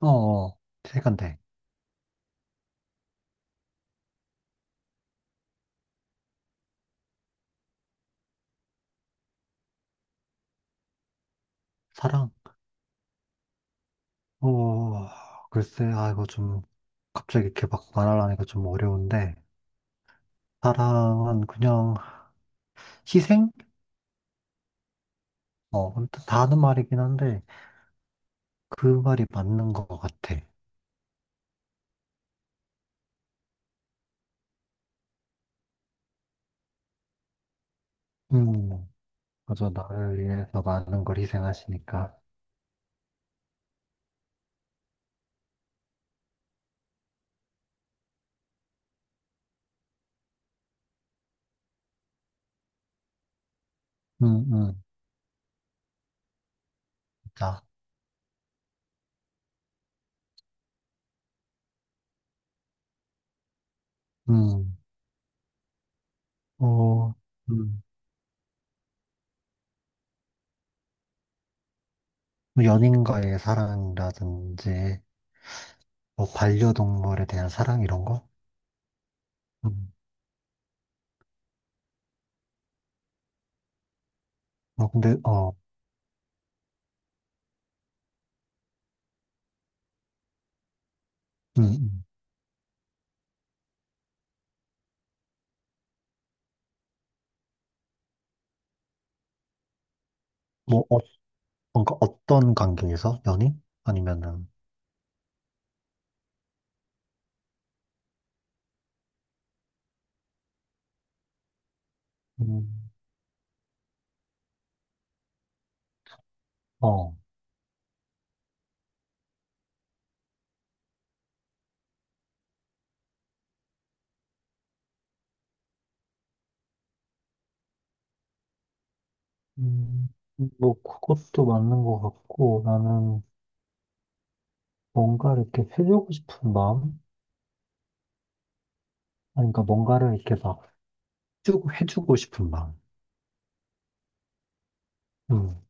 어, 시간대. 사랑? 어, 글쎄, 아, 이거 좀, 갑자기 이렇게 막 말하려니까 좀 어려운데, 사랑은 그냥 희생? 어, 아무튼 다 하는 말이긴 한데, 그 말이 맞는 것 같아. 음, 그래서 나를 위해서 많은 걸 희생하시니까. 음, 음, 자, 음, 어, 음, 뭐 연인과의 사랑이라든지, 뭐 반려동물에 대한 사랑 이런 거? 음, 어, 근데, 어, 음, 음. 뭐, 어, 뭔가 어떤 관계에서? 연인? 아니면은, 음, 어, 음, 뭐, 그것도 맞는 것 같고, 나는 뭔가 이렇게 해주고 싶은 마음? 아니, 그러니까 뭔가를 이렇게 막 해주고 싶은 마음. 음,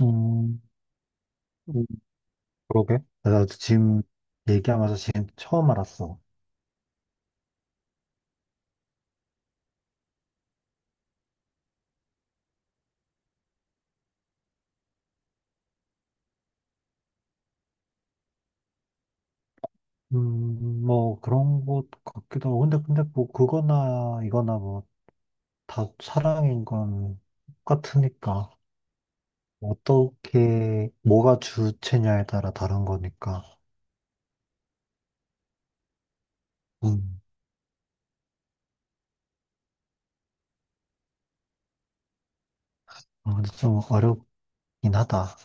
음, 음, 그러게. 내가 지금 얘기하면서 지금 처음 알았어. 뭐, 그런 것 같기도 하고. 근데 뭐, 그거나, 이거나 뭐, 다 사랑인 건 똑같으니까. 어떻게, 뭐가 주체냐에 따라 다른 거니까. 음, 아, 근데 좀 어렵긴 하다.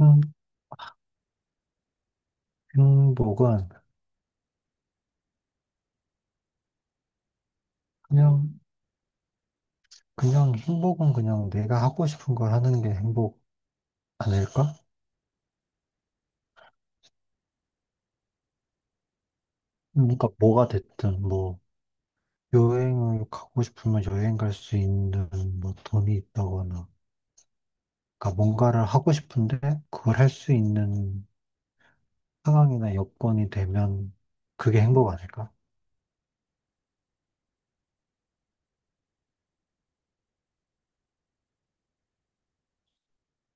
음, 행복은, 그냥, 그냥 행복은 그냥 내가 하고 싶은 걸 하는 게 행복 아닐까? 그러니까 뭐가 됐든, 뭐, 여행을 가고 싶으면 여행 갈 수 있는, 뭐, 돈이 있다거나. 그러니까 뭔가를 하고 싶은데, 그걸 할 수 있는 상황이나 여건이 되면, 그게 행복 아닐까?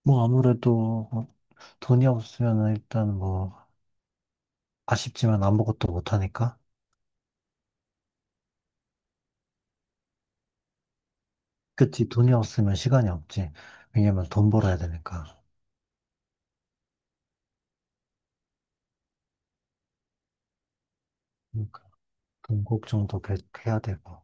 뭐, 아무래도, 뭐 돈이 없으면 일단 뭐, 아쉽지만 아무것도 못하니까. 그치, 돈이 없으면 시간이 없지. 왜냐면 돈 벌어야 되니까. 그러니까 돈 걱정도 계속 해야 되고.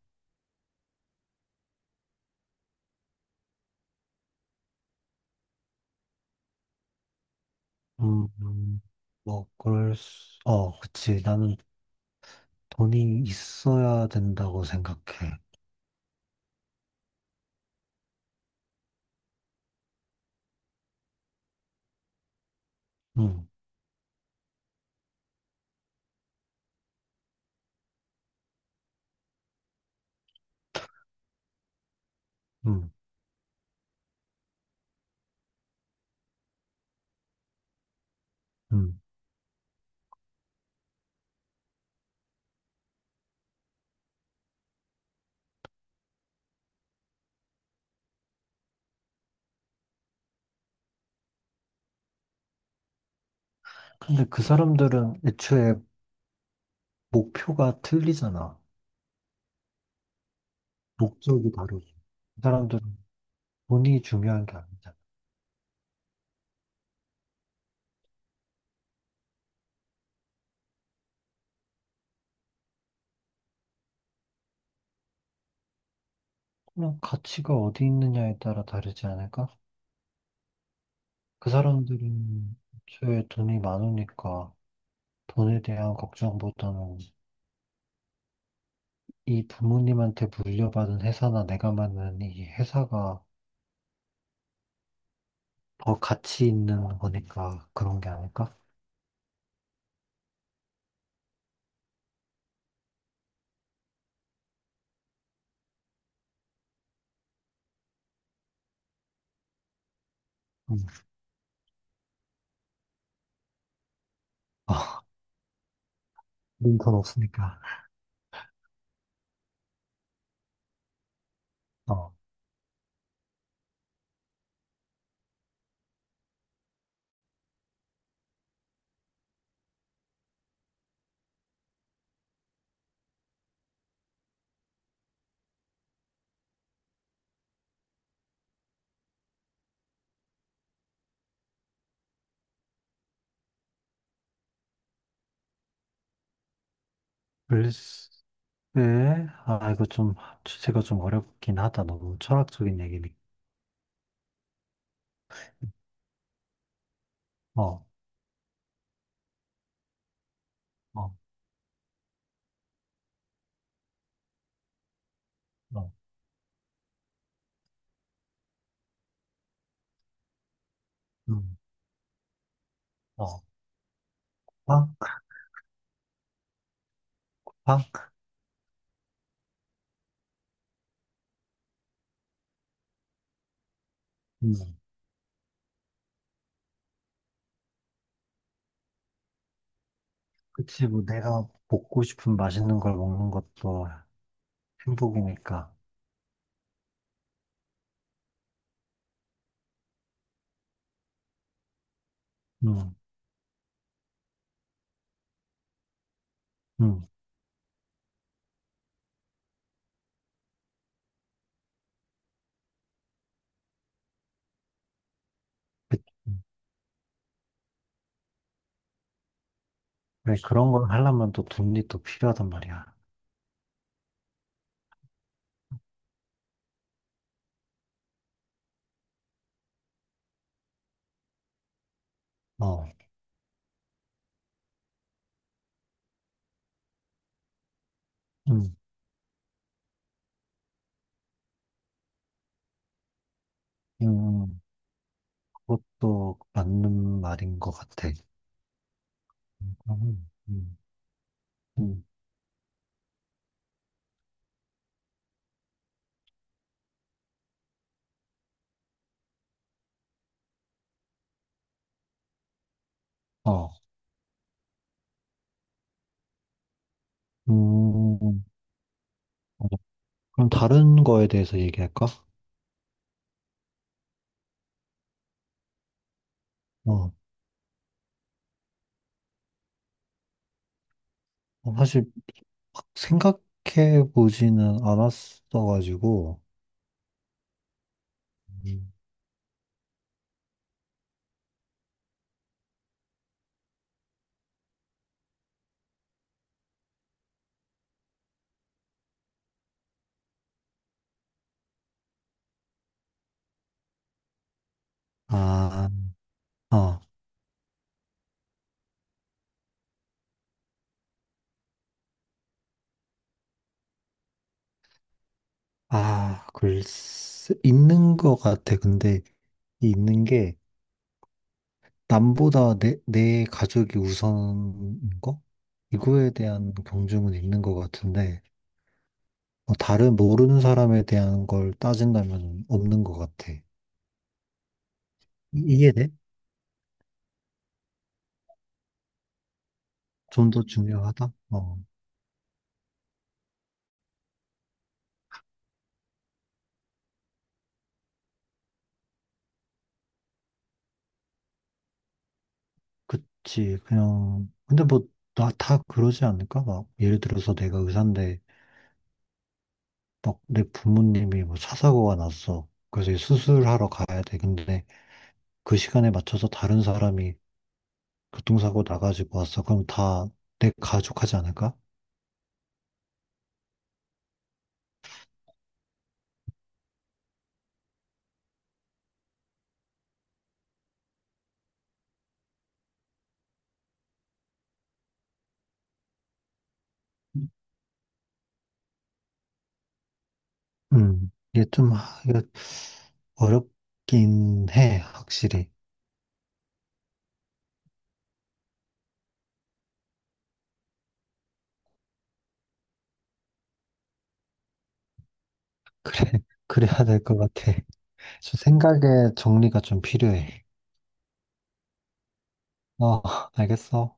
음, 음, 뭐, 그치. 나는 돈이 있어야 된다고 생각해. 음, 음, 음. 근데 그 사람들은 애초에 목표가 틀리잖아. 목적이 다르지. 그 사람들은 돈이 중요한 게 아니잖아. 그냥 가치가 어디 있느냐에 따라 다르지 않을까? 그 사람들은 애초에 돈이 많으니까 돈에 대한 걱정보다는 이 부모님한테 물려받은 회사나 내가 만든 이 회사가 더 가치 있는 거니까 그런 게 아닐까? 음. 아, 우린 돈 없으니까. 어. 글쎄, 아, 이거 좀 주제가 좀 어렵긴 하다. 너무 철학적인 얘기니. 어, 어, 어, 음, 어, 빵, 빵, 음. 그치, 뭐 내가 먹고 싶은 맛있는 걸 먹는 것도 행복이니까. 음, 음. 그- 그런 걸 하려면 또 돈이 또 필요하단 말이야. 어, 음, 음, 음. 그것도 맞는 말인 것 같아. 음, 음, 음. 어, 음, 어, 그럼 다른 거에 대해서 얘기할까? 어, 어, 사실 막 생각해 보지는 않았어가지고, 음. 아, 어, 아, 글쎄, 있는 것 같아. 근데 이 있는 게 남보다 내 가족이 우선인 거? 이거에 대한 경중은 있는 것 같은데, 어, 다른 모르는 사람에 대한 걸 따진다면 없는 것 같아. 이해돼? 좀 더 중요하다? 어, 그치. 그냥, 근데 뭐, 나 다 그러지 않을까? 막, 예를 들어서 내가 의사인데, 막 내 부모님이 뭐 차 사고가 났어. 그래서 이제 수술하러 가야 돼. 근데 그 시간에 맞춰서 다른 사람이 교통사고 나가지고 왔어. 그럼 다 내 가족 하지 않을까? 이게 좀, 이거 어렵긴 해, 확실히. 그래, 그래야 될 것 같아. 저 생각의 정리가 좀 필요해. 어, 알겠어.